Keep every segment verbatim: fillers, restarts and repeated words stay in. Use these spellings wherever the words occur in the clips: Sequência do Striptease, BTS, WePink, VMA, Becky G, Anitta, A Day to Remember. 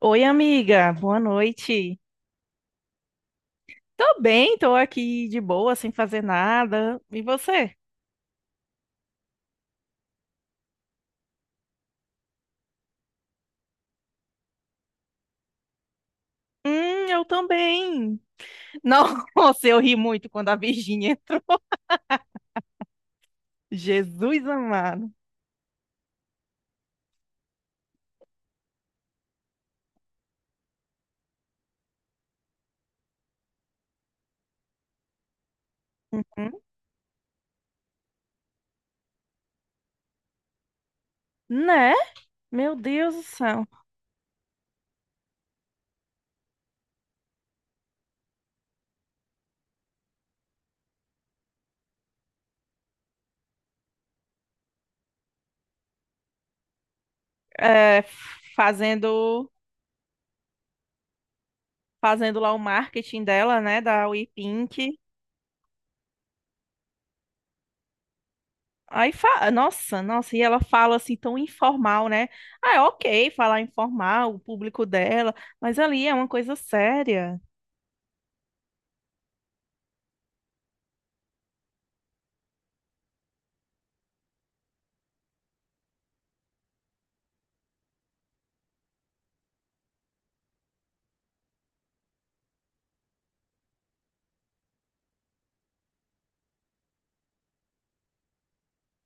Oi, amiga, boa noite. Tô bem, tô aqui de boa, sem fazer nada. E você? Hum, eu também. Nossa, eu ri muito quando a Virgínia entrou. Jesus amado. Hum? Né? Meu Deus do céu. É, fazendo, fazendo lá o marketing dela, né, da WePink. Aí, fa... nossa, nossa, e ela fala assim tão informal, né? Ah, é ok falar informal, o público dela, mas ali é uma coisa séria.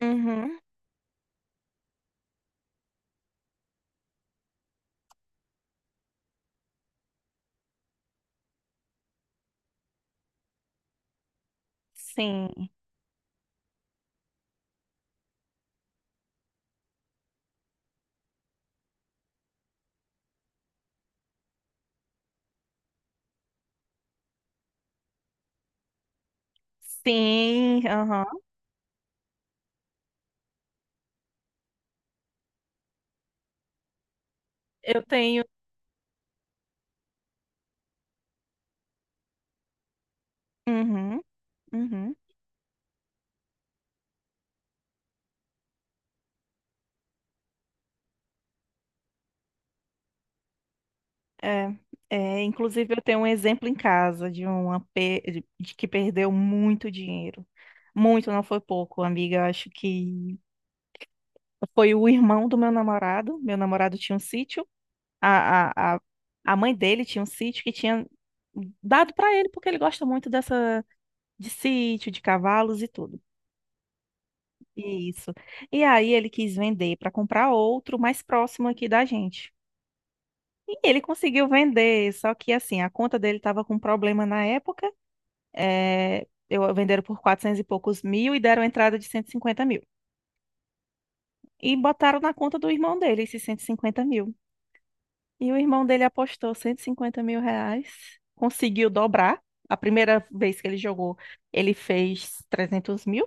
Uhum. Sim. Sim, aham. Eu tenho. Uhum, uhum. É, é, inclusive eu tenho um exemplo em casa de uma pe- de de que perdeu muito dinheiro. Muito, não foi pouco, amiga. Eu acho que foi o irmão do meu namorado. Meu namorado tinha um sítio. A, a, a, a mãe dele tinha um sítio que tinha dado para ele porque ele gosta muito dessa de sítio, de cavalos e tudo. Isso. E aí ele quis vender para comprar outro mais próximo aqui da gente. E ele conseguiu vender, só que assim, a conta dele estava com problema na época. É, eu venderam por quatrocentos e poucos mil e deram entrada de cento e cinquenta mil. E botaram na conta do irmão dele esses cento e cinquenta mil. E o irmão dele apostou cento e cinquenta mil reais, conseguiu dobrar. A primeira vez que ele jogou, ele fez trezentos mil.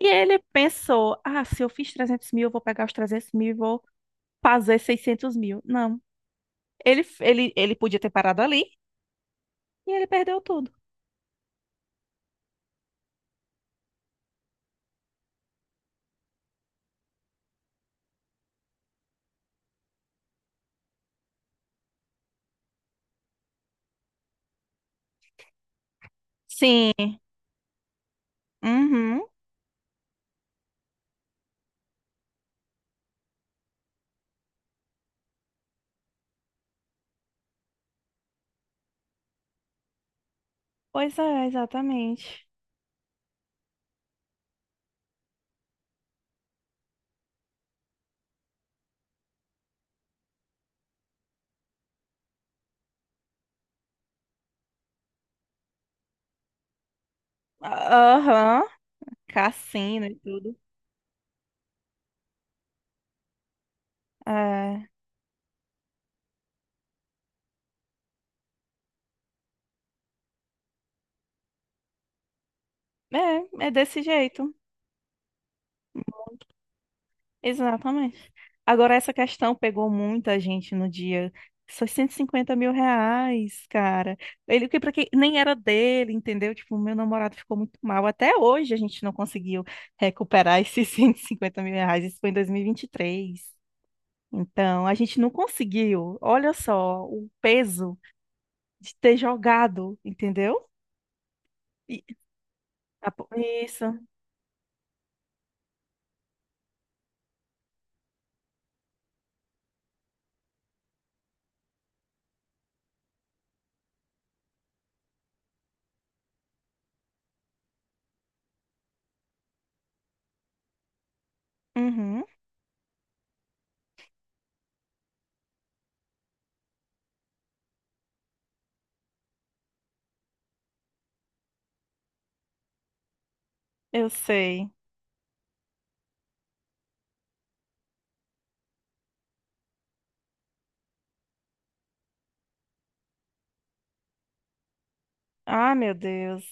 E ele pensou: ah, se eu fiz trezentos mil, eu vou pegar os trezentos mil fazer seiscentos mil. Não. Ele, ele, ele podia ter parado ali e ele perdeu tudo. Sim. Uhum. Pois é, exatamente. Aham. Cassino e tudo. É, é, é desse jeito. Exatamente. Agora, essa questão pegou muita gente no dia. Só cento e cinquenta mil reais, cara. Ele que para quem nem era dele, entendeu? Tipo, meu namorado ficou muito mal. Até hoje a gente não conseguiu recuperar esses cento e cinquenta mil reais. Isso foi em dois mil e e vinte e três. Então, a gente não conseguiu. Olha só o peso de ter jogado, entendeu? E- a po- Isso. Uhum, eu sei. Ah, meu Deus.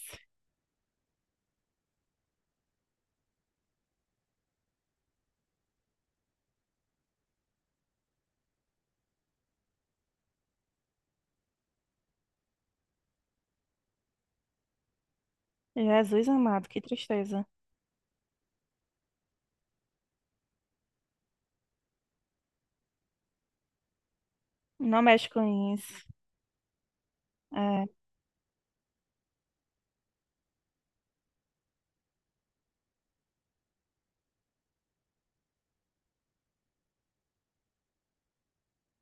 Jesus amado, que tristeza. Não mexe com isso. É.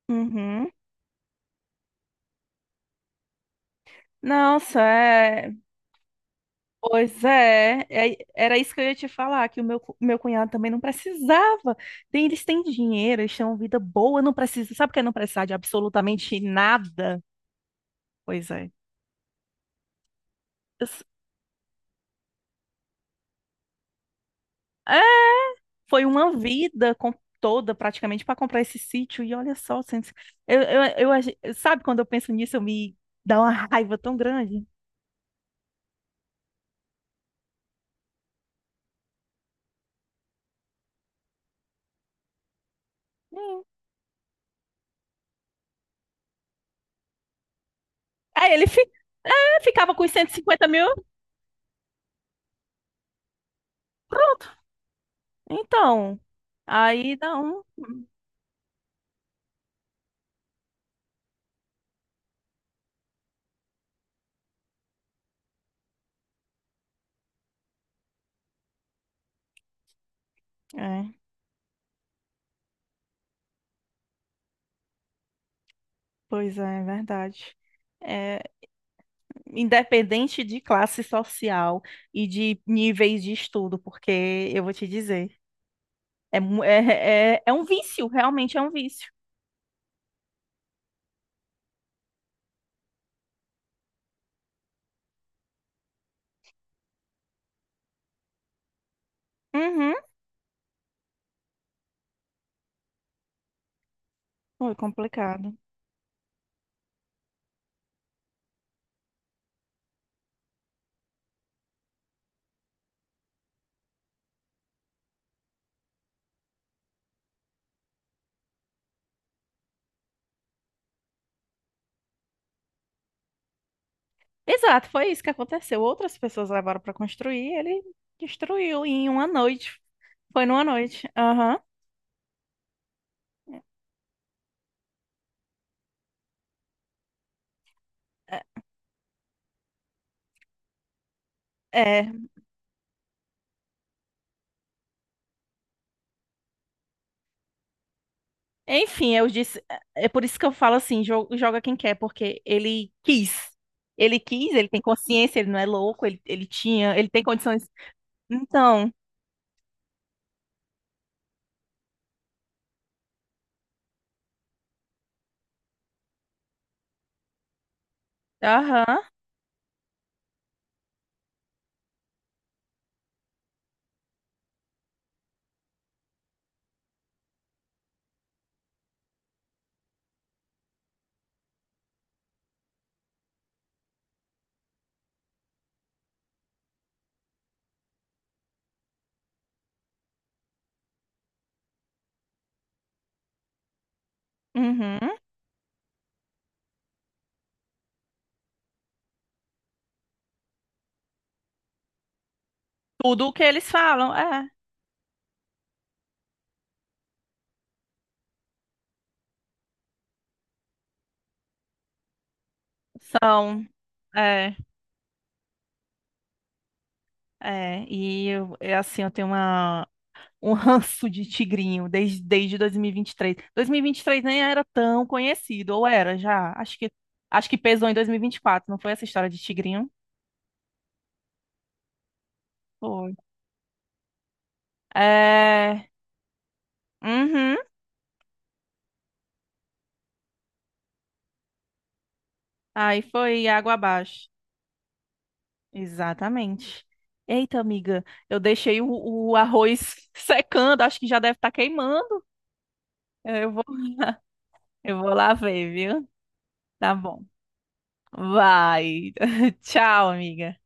Uhum. Nossa, é. Pois é. É- Era isso que eu ia te falar, que o meu, cu- meu cunhado também não precisava. Tem, eles têm dinheiro, eles têm uma vida boa, não precisa. Sabe o que é não precisar de absolutamente nada? Pois é. Es- É, foi uma vida com- toda praticamente para comprar esse sítio. E olha só, Santos, eu, eu, eu agi- sabe quando eu penso nisso, eu me dá uma raiva tão grande. Hum. Aí ele fica ficava com os cento e cinquenta mil. Pronto. Então. Aí não. É, pois é, é verdade. É, independente de classe social e de níveis de estudo, porque eu vou te dizer, é, mu- é, é, é um vício, realmente é um vício. Uhum. Foi complicado. Exato, foi isso que aconteceu. Outras pessoas levaram para construir, ele destruiu em uma noite. Foi numa noite. Aham. É, é. Enfim, eu disse, é por isso que eu falo assim, jo- joga quem quer, porque ele quis. Ele quis, ele tem consciência, ele não é louco, ele, ele tinha, ele tem condições. Então, aham, uhum. Tudo o que eles falam, é, são, é, é. E eu, é assim, eu tenho uma, um ranço de tigrinho desde, desde dois mil e vinte e três. dois mil e vinte e três nem era tão conhecido, ou era já? Acho que, acho que pesou em dois mil e vinte e quatro, não foi essa história de tigrinho? Foi. É. Uhum. Aí foi água abaixo. Exatamente. Eita, amiga, eu deixei o, o arroz secando, acho que já deve estar queimando. Eu vou, eu vou lá ver, viu? Tá bom. Vai. Tchau, amiga.